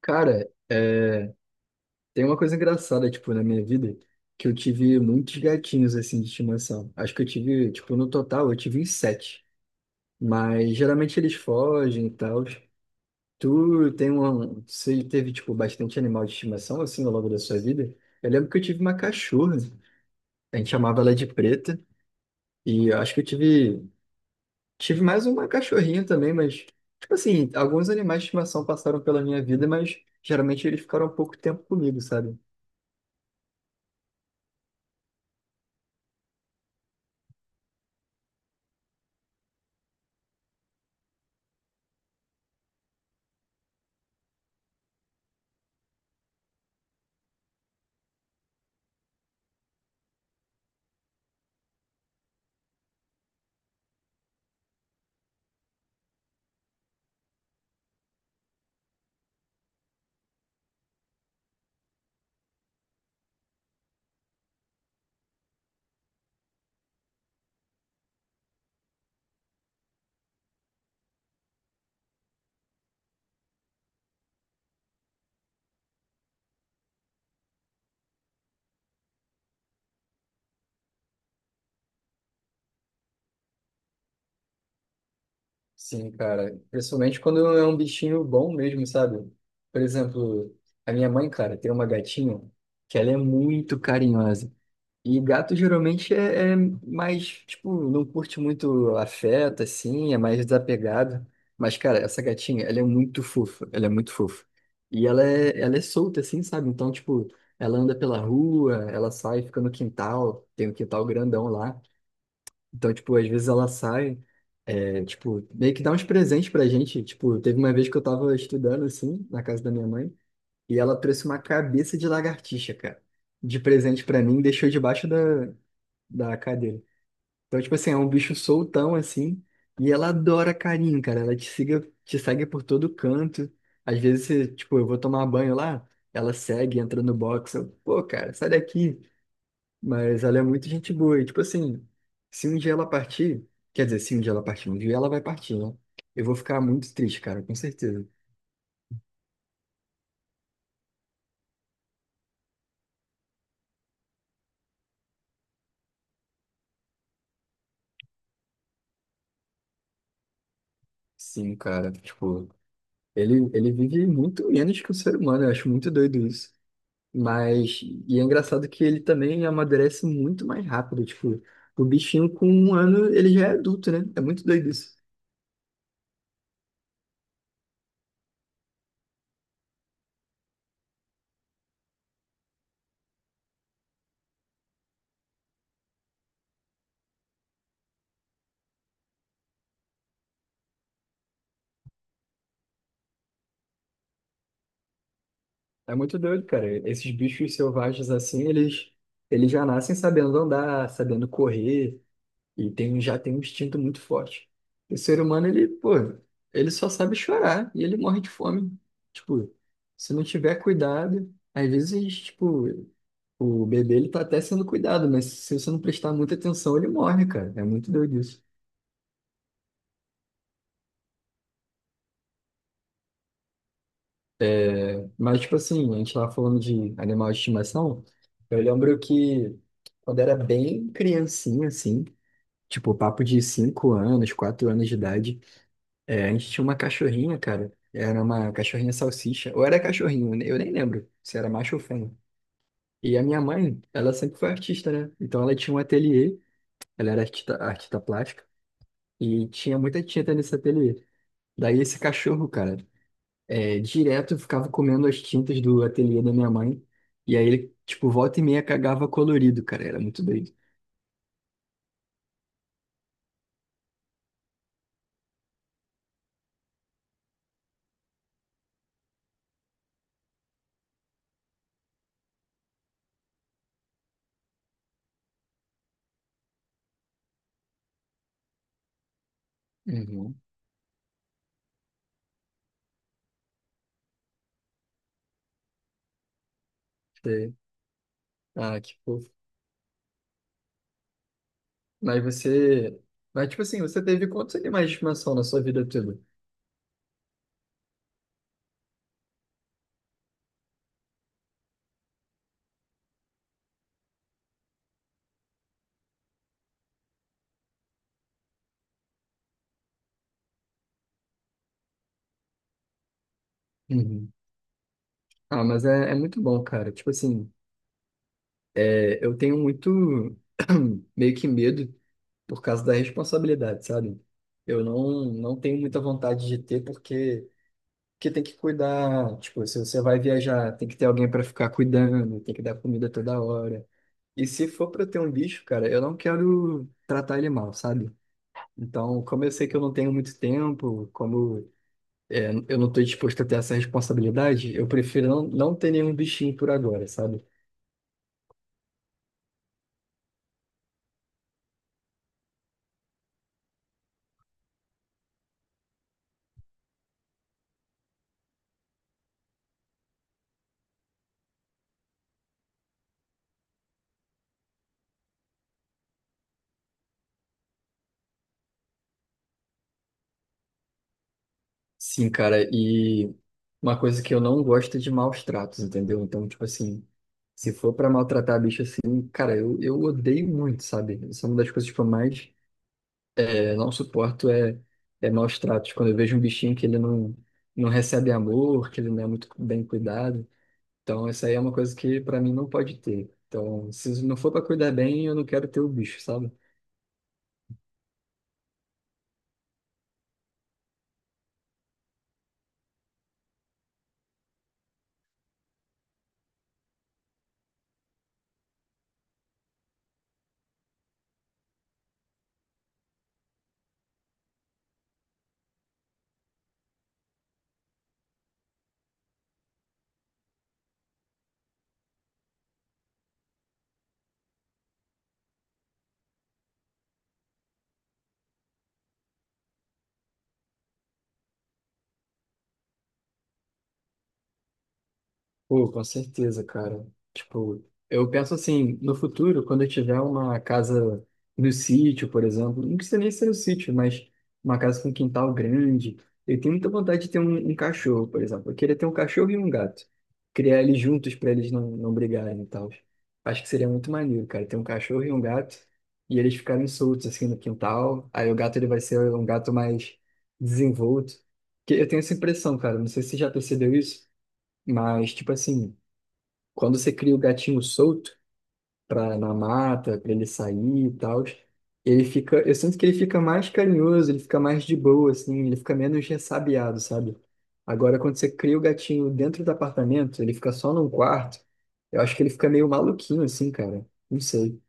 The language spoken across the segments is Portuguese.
Cara, tem uma coisa engraçada, tipo, na minha vida, que eu tive muitos gatinhos, assim, de estimação. Acho que eu tive, tipo, no total, eu tive uns sete. Mas, geralmente, eles fogem e tal. Você teve, tipo, bastante animal de estimação, assim, ao longo da sua vida? Eu lembro que eu tive uma cachorra. A gente chamava ela de Preta. E eu acho que eu tive... Tive mais uma cachorrinha também, mas... Tipo assim, alguns animais de estimação passaram pela minha vida, mas... Geralmente, eles ficaram pouco tempo comigo, sabe? Sim, cara. Principalmente quando é um bichinho bom mesmo, sabe? Por exemplo, a minha mãe, cara, tem uma gatinha que ela é muito carinhosa. E gato geralmente é mais, tipo, não curte muito afeto, assim, é mais desapegado. Mas, cara, essa gatinha, ela é muito fofa, ela é muito fofa. E ela é solta, assim, sabe? Então, tipo, ela anda pela rua, ela sai, fica no quintal, tem um quintal grandão lá. Então, tipo, às vezes ela sai, é, tipo, meio que dá uns presentes pra gente. Tipo, teve uma vez que eu tava estudando, assim, na casa da minha mãe, e ela trouxe uma cabeça de lagartixa, cara, de presente pra mim, e deixou debaixo da cadeira. Então, tipo assim, é um bicho soltão, assim, e ela adora carinho, cara. Ela te segue por todo canto. Às vezes, você- tipo, eu vou tomar banho lá, ela segue, entra no box, eu, pô, cara, sai daqui. Mas ela é muito gente boa. E, tipo assim, se um dia ela partir, quer dizer, se um dia ela partir, um dia ela vai partir, né? Eu vou ficar muito triste, cara, com certeza. Sim, cara, tipo, ele vive muito menos que o ser humano, eu acho muito doido isso. Mas, e é engraçado que ele também amadurece muito mais rápido, tipo, o bichinho com 1 ano, ele já é adulto, né? É muito doido isso. É muito doido, cara. Esses bichos selvagens assim, eles já nascem sabendo andar, sabendo correr. Já tem um instinto muito forte. O ser humano, ele, pô, ele só sabe chorar e ele morre de fome. Tipo, se não tiver cuidado, às vezes, tipo, o bebê, ele tá até sendo cuidado, mas se você não prestar muita atenção, ele morre, cara. É muito doido isso. É, mas, tipo assim, a gente tava falando de animal de estimação. Eu lembro que quando era bem criancinha, assim, tipo, papo de 5 anos, 4 anos de idade, é, a gente tinha uma cachorrinha, cara. Era uma cachorrinha salsicha. Ou era cachorrinho, né? Eu nem lembro se era macho ou fêmea. E a minha mãe, ela sempre foi artista, né? Então ela tinha um ateliê, ela era artista, artista plástica, e tinha muita tinta nesse ateliê. Daí esse cachorro, cara, direto ficava comendo as tintas do ateliê da minha mãe. E aí ele, tipo, volta e meia cagava colorido, cara. Era muito doido. Uhum. Sei. Ah, que fofo. Mas você. Mas, tipo assim, você teve quantos animais de estimação na sua vida toda? Uhum. Ah, mas é, é muito bom, cara. Tipo assim, é, eu tenho muito meio que medo por causa da responsabilidade, sabe? Eu não tenho muita vontade de ter porque tem que cuidar. Tipo, se você vai viajar, tem que ter alguém para ficar cuidando, tem que dar comida toda hora. E se for para ter um bicho, cara, eu não quero tratar ele mal, sabe? Então, como eu sei que eu não tenho muito tempo, como é, eu não estou disposto a ter essa responsabilidade, eu prefiro não ter nenhum bichinho por agora, sabe? Sim, cara, e uma coisa que eu não gosto é de maus tratos, entendeu? Então, tipo assim, se for pra maltratar bicho assim, cara, eu odeio muito, sabe? Isso é uma das coisas que eu mais não suporto é maus tratos. Quando eu vejo um bichinho que ele não recebe amor, que ele não é muito bem cuidado. Então, isso aí é uma coisa que pra mim não pode ter. Então, se não for pra cuidar bem, eu não quero ter o bicho, sabe? Pô, com certeza, cara. Tipo, eu penso assim, no futuro, quando eu tiver uma casa no sítio, por exemplo, não precisa nem ser no sítio, mas uma casa com quintal grande, eu tenho muita vontade de ter um cachorro, por exemplo. Eu queria ter um cachorro e um gato. Criar eles juntos para eles não brigarem e tal. Acho que seria muito maneiro, cara, ter um cachorro e um gato e eles ficarem soltos assim no quintal. Aí o gato ele vai ser um gato mais desenvolto. Que eu tenho essa impressão, cara, não sei se você já percebeu isso. Mas, tipo assim, quando você cria o gatinho solto pra, na mata, para ele sair e tal, ele fica, eu sinto que ele fica mais carinhoso, ele fica mais de boa, assim, ele fica menos ressabiado, sabe? Agora, quando você cria o gatinho dentro do apartamento, ele fica só num quarto, eu acho que ele fica meio maluquinho, assim, cara. Não sei.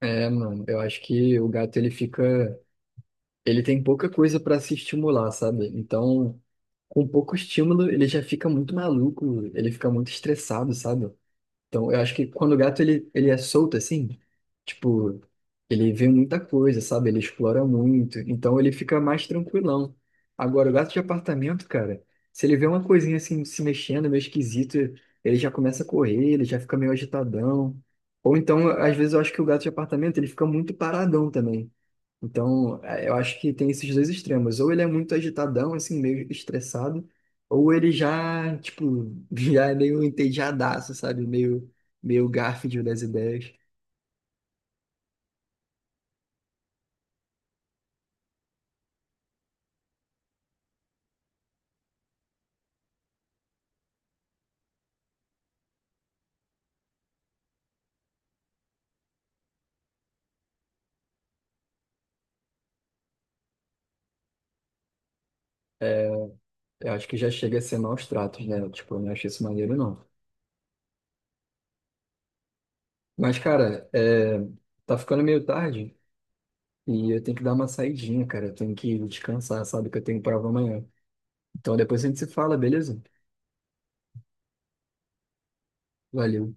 É, mano, eu acho que o gato ele fica. Ele tem pouca coisa pra se estimular, sabe? Então, com pouco estímulo, ele já fica muito maluco, ele fica muito estressado, sabe? Então, eu acho que quando o gato ele é solto assim, tipo, ele vê muita coisa, sabe? Ele explora muito, então ele fica mais tranquilão. Agora, o gato de apartamento, cara, se ele vê uma coisinha assim se mexendo, meio esquisito, ele já começa a correr, ele já fica meio agitadão. Ou então, às vezes eu acho que o gato de apartamento ele fica muito paradão também. Então, eu acho que tem esses dois extremos. Ou ele é muito agitadão, assim, meio estressado. Ou ele já, tipo, já é meio entediadaço, sabe? Meio Garfield das ideias. É, eu acho que já chega a ser maus tratos, né? Tipo, eu não acho isso maneiro, não. Mas, cara, tá ficando meio tarde e eu tenho que dar uma saidinha, cara. Eu tenho que descansar, sabe? Que eu tenho prova amanhã. Então depois a gente se fala, beleza? Valeu.